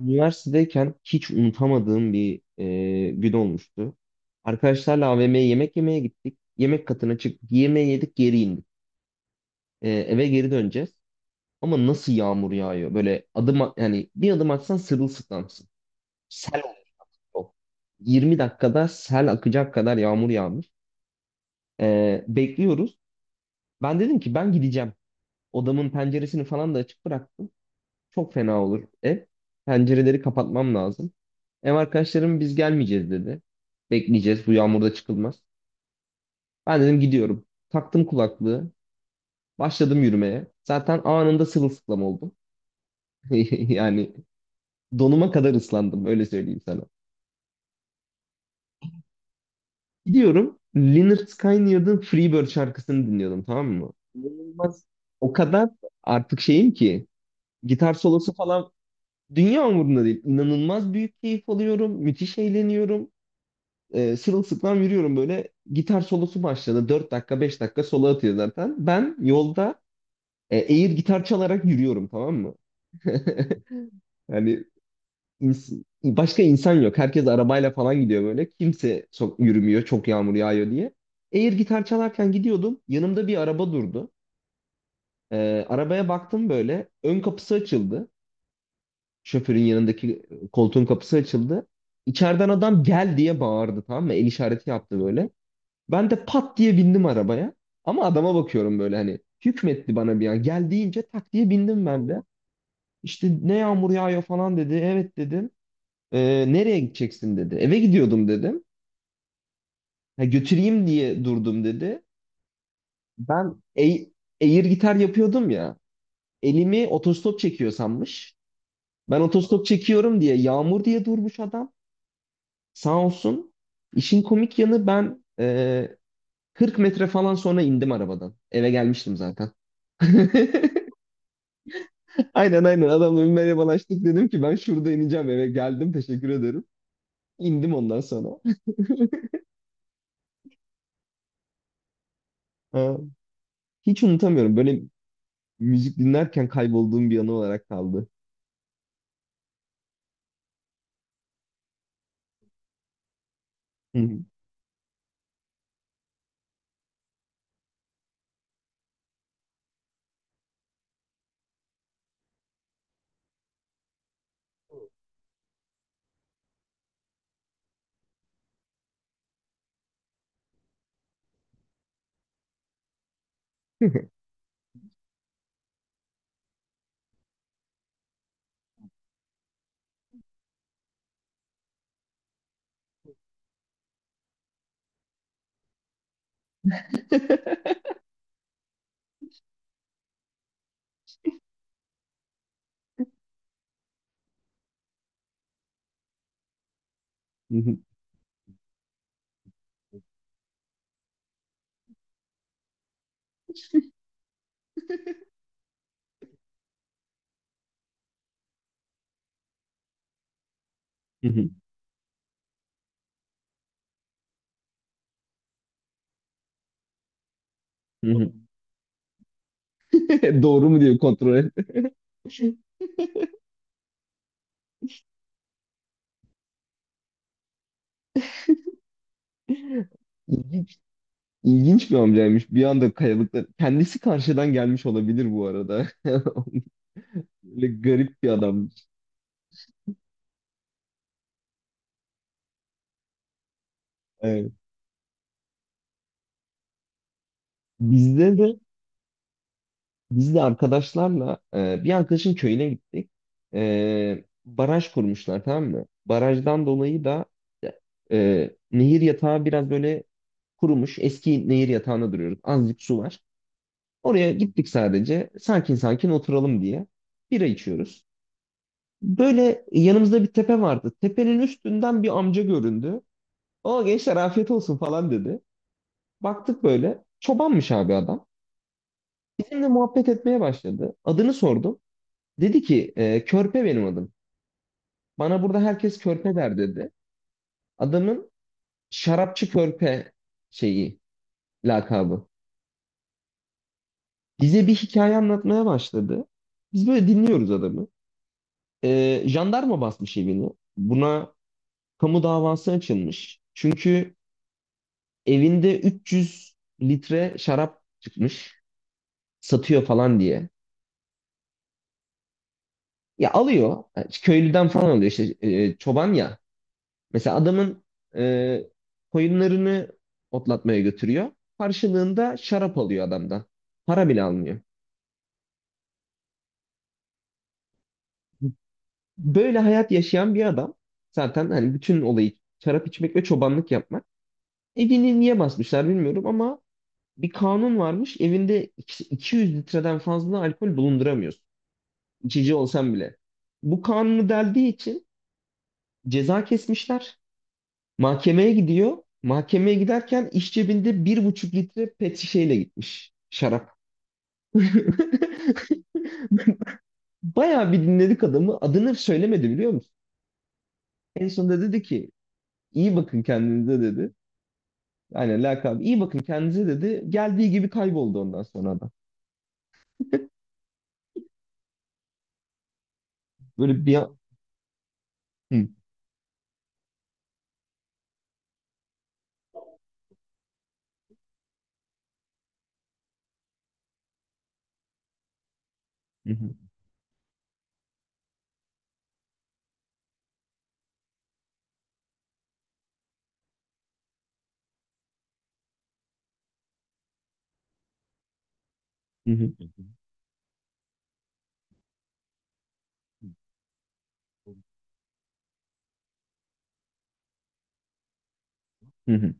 Üniversitedeyken hiç unutamadığım bir gün olmuştu. Arkadaşlarla AVM'ye yemek yemeye gittik. Yemek katına çıktık. Yemeği yedik, geri indik. Eve geri döneceğiz. Ama nasıl yağmur yağıyor? Böyle yani bir adım atsan sırılsıklamsın. Sel oluyor. 20 dakikada sel akacak kadar yağmur yağmış. Bekliyoruz. Ben dedim ki ben gideceğim. Odamın penceresini falan da açık bıraktım. Çok fena olur ev pencereleri, kapatmam lazım. Ev arkadaşlarım biz gelmeyeceğiz dedi. Bekleyeceğiz. Bu yağmurda çıkılmaz. Ben dedim gidiyorum. Taktım kulaklığı. Başladım yürümeye. Zaten anında sırılsıklam oldum. Yani donuma kadar ıslandım. Öyle söyleyeyim sana. Gidiyorum. Lynyrd Skynyrd'ın Freebird şarkısını dinliyordum, tamam mı? İnanılmaz. O kadar artık şeyim ki. Gitar solosu falan, dünya umurumda değil. İnanılmaz büyük keyif alıyorum. Müthiş eğleniyorum. Sırılsıklam yürüyorum böyle. Gitar solosu başladı. Dört dakika, 5 dakika solo atıyor zaten. Ben yolda air gitar çalarak yürüyorum, tamam mı? Yani başka insan yok. Herkes arabayla falan gidiyor böyle. Kimse sok yürümüyor, çok yağmur yağıyor diye. Air gitar çalarken gidiyordum. Yanımda bir araba durdu. Arabaya baktım böyle. Ön kapısı açıldı. Şoförün yanındaki koltuğun kapısı açıldı. İçeriden adam gel diye bağırdı, tamam mı? El işareti yaptı böyle. Ben de pat diye bindim arabaya. Ama adama bakıyorum böyle, hani hükmetti bana bir an. Gel deyince tak diye bindim ben de. İşte ne yağmur yağıyor falan dedi. Evet dedim. Nereye gideceksin" dedi. Eve gidiyordum dedim. "Ha, götüreyim diye durdum" dedi. Ben ey- Air gitar yapıyordum ya. Elimi otostop çekiyor sanmış. Ben otostop çekiyorum diye, yağmur diye durmuş adam. Sağ olsun. İşin komik yanı, ben 40 metre falan sonra indim arabadan. Eve gelmiştim zaten. Aynen, aynen. Adamla bir merhabalaştık, dedim ki ben şurada ineceğim, eve geldim, teşekkür ederim. İndim ondan sonra. Ha, hiç unutamıyorum böyle, müzik dinlerken kaybolduğum bir anı olarak kaldı. Hı hı. Hı hı. Hı hı. Hı hı. Doğru mu diye kontrol et. İlginç, ilginç bir amcaymış. Bir anda kayalıklar. Kendisi karşıdan gelmiş olabilir bu arada. Böyle garip bir adammış. Evet. Bizde de Biz de arkadaşlarla bir arkadaşın köyüne gittik. Baraj kurmuşlar, tamam mı? Barajdan dolayı da nehir yatağı biraz böyle kurumuş. Eski nehir yatağına duruyoruz. Azıcık su var. Oraya gittik sadece. Sakin sakin oturalım diye. Bira içiyoruz. Böyle yanımızda bir tepe vardı. Tepenin üstünden bir amca göründü. O, gençler afiyet olsun falan dedi. Baktık böyle. Çobanmış abi adam. Bizimle muhabbet etmeye başladı. Adını sordum. Dedi ki Körpe benim adım. Bana burada herkes Körpe der dedi. Adamın şarapçı Körpe şeyi, lakabı. Bize bir hikaye anlatmaya başladı. Biz böyle dinliyoruz adamı. Jandarma basmış evini. Buna kamu davası açılmış. Çünkü evinde 300 litre şarap çıkmış. Satıyor falan diye. Ya alıyor. Köylüden falan alıyor işte, çoban ya. Mesela adamın e, koyunlarını otlatmaya götürüyor. Karşılığında şarap alıyor adamdan. Para bile almıyor. Böyle hayat yaşayan bir adam, zaten hani bütün olayı şarap içmek ve çobanlık yapmak. Evini niye basmışlar bilmiyorum ama bir kanun varmış. Evinde 200 litreden fazla alkol bulunduramıyorsun. İçici olsan bile. Bu kanunu deldiği için ceza kesmişler. Mahkemeye gidiyor. Mahkemeye giderken iş cebinde bir buçuk litre pet şişeyle gitmiş şarap. Bayağı bir dinledik adamı. Adını söylemedi biliyor musun? En sonunda dedi ki iyi bakın kendinize dedi. Aynen, lakabı iyi bakın kendinize dedi. Geldiği gibi kayboldu ondan sonra adam. Böyle bir an... Hı, hı, hı, hı, hı, hı.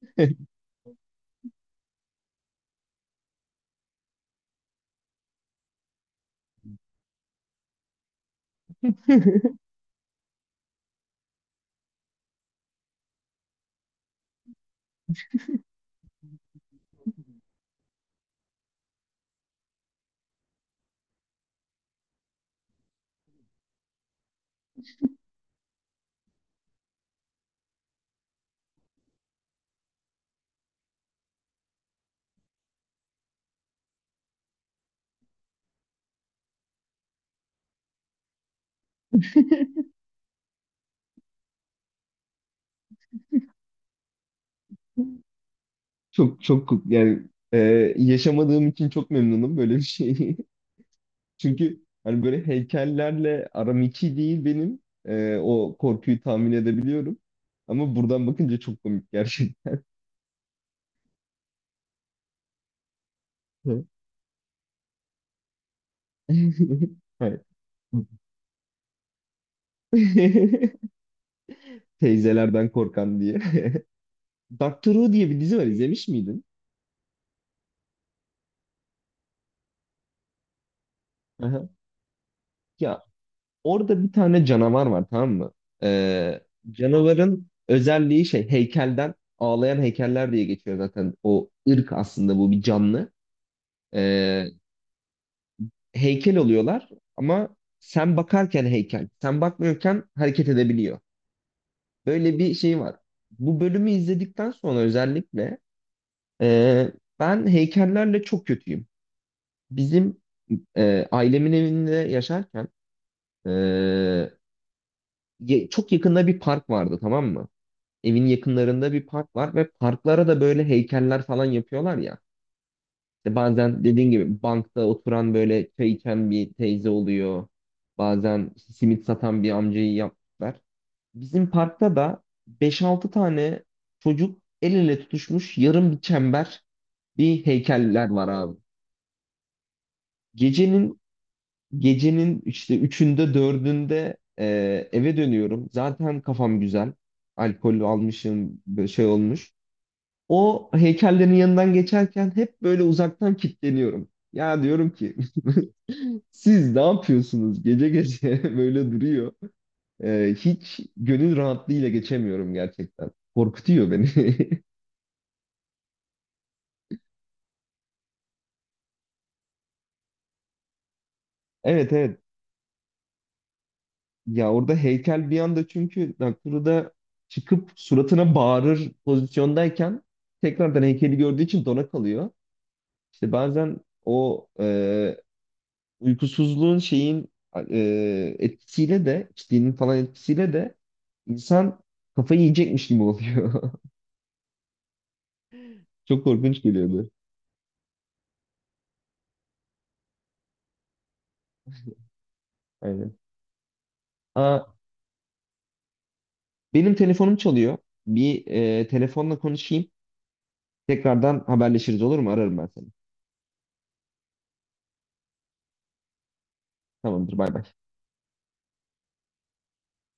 Çok çok yani, yaşamadığım için çok memnunum böyle bir şeyi. Çünkü hani böyle heykellerle aram iki değil benim. O korkuyu tahmin edebiliyorum. Ama buradan bakınca çok komik gerçekten. Hayır. Teyzelerden korkan diye. Doctor Who diye bir dizi var, izlemiş miydin? Aha. Ya orada bir tane canavar var, tamam mı? Ee, Canavarın özelliği şey, heykelden ağlayan heykeller diye geçiyor zaten. O ırk aslında bu, bir canlı. Ee, Heykel oluyorlar ama sen bakarken heykel. Sen bakmıyorken hareket edebiliyor. Böyle bir şey var. Bu bölümü izledikten sonra özellikle ee, ben heykellerle çok kötüyüm. Bizim ailemin evinde yaşarken, e, çok yakında bir park vardı, tamam mı? Evin yakınlarında bir park var ve parklara da böyle heykeller falan yapıyorlar ya. İşte bazen dediğin gibi bankta oturan böyle çay içen bir teyze oluyor. Bazen simit satan bir amcayı yaptılar. Bizim parkta da beş-altı tane çocuk el ele tutuşmuş, yarım bir çember bir heykeller var abi. Gecenin Gecenin işte üçünde, dördünde, eve dönüyorum. Zaten kafam güzel. Alkol almışım, böyle şey olmuş. O heykellerin yanından geçerken hep böyle uzaktan kilitleniyorum. Ya diyorum ki siz ne yapıyorsunuz gece gece böyle duruyor. Hiç gönül rahatlığıyla geçemiyorum gerçekten. Korkutuyor beni. Evet, evet. Ya orada heykel bir anda, çünkü Nakuru da çıkıp suratına bağırır pozisyondayken tekrardan heykeli gördüğü için dona kalıyor. İşte bazen o uykusuzluğun şeyin, etkisiyle de içtiğinin falan etkisiyle de insan kafayı yiyecekmiş gibi oluyor. Çok korkunç geliyordu. Aynen. Aa, benim telefonum çalıyor. Bir telefonla konuşayım. Tekrardan haberleşiriz, olur mu? Ararım ben seni. Tamamdır, bay bay.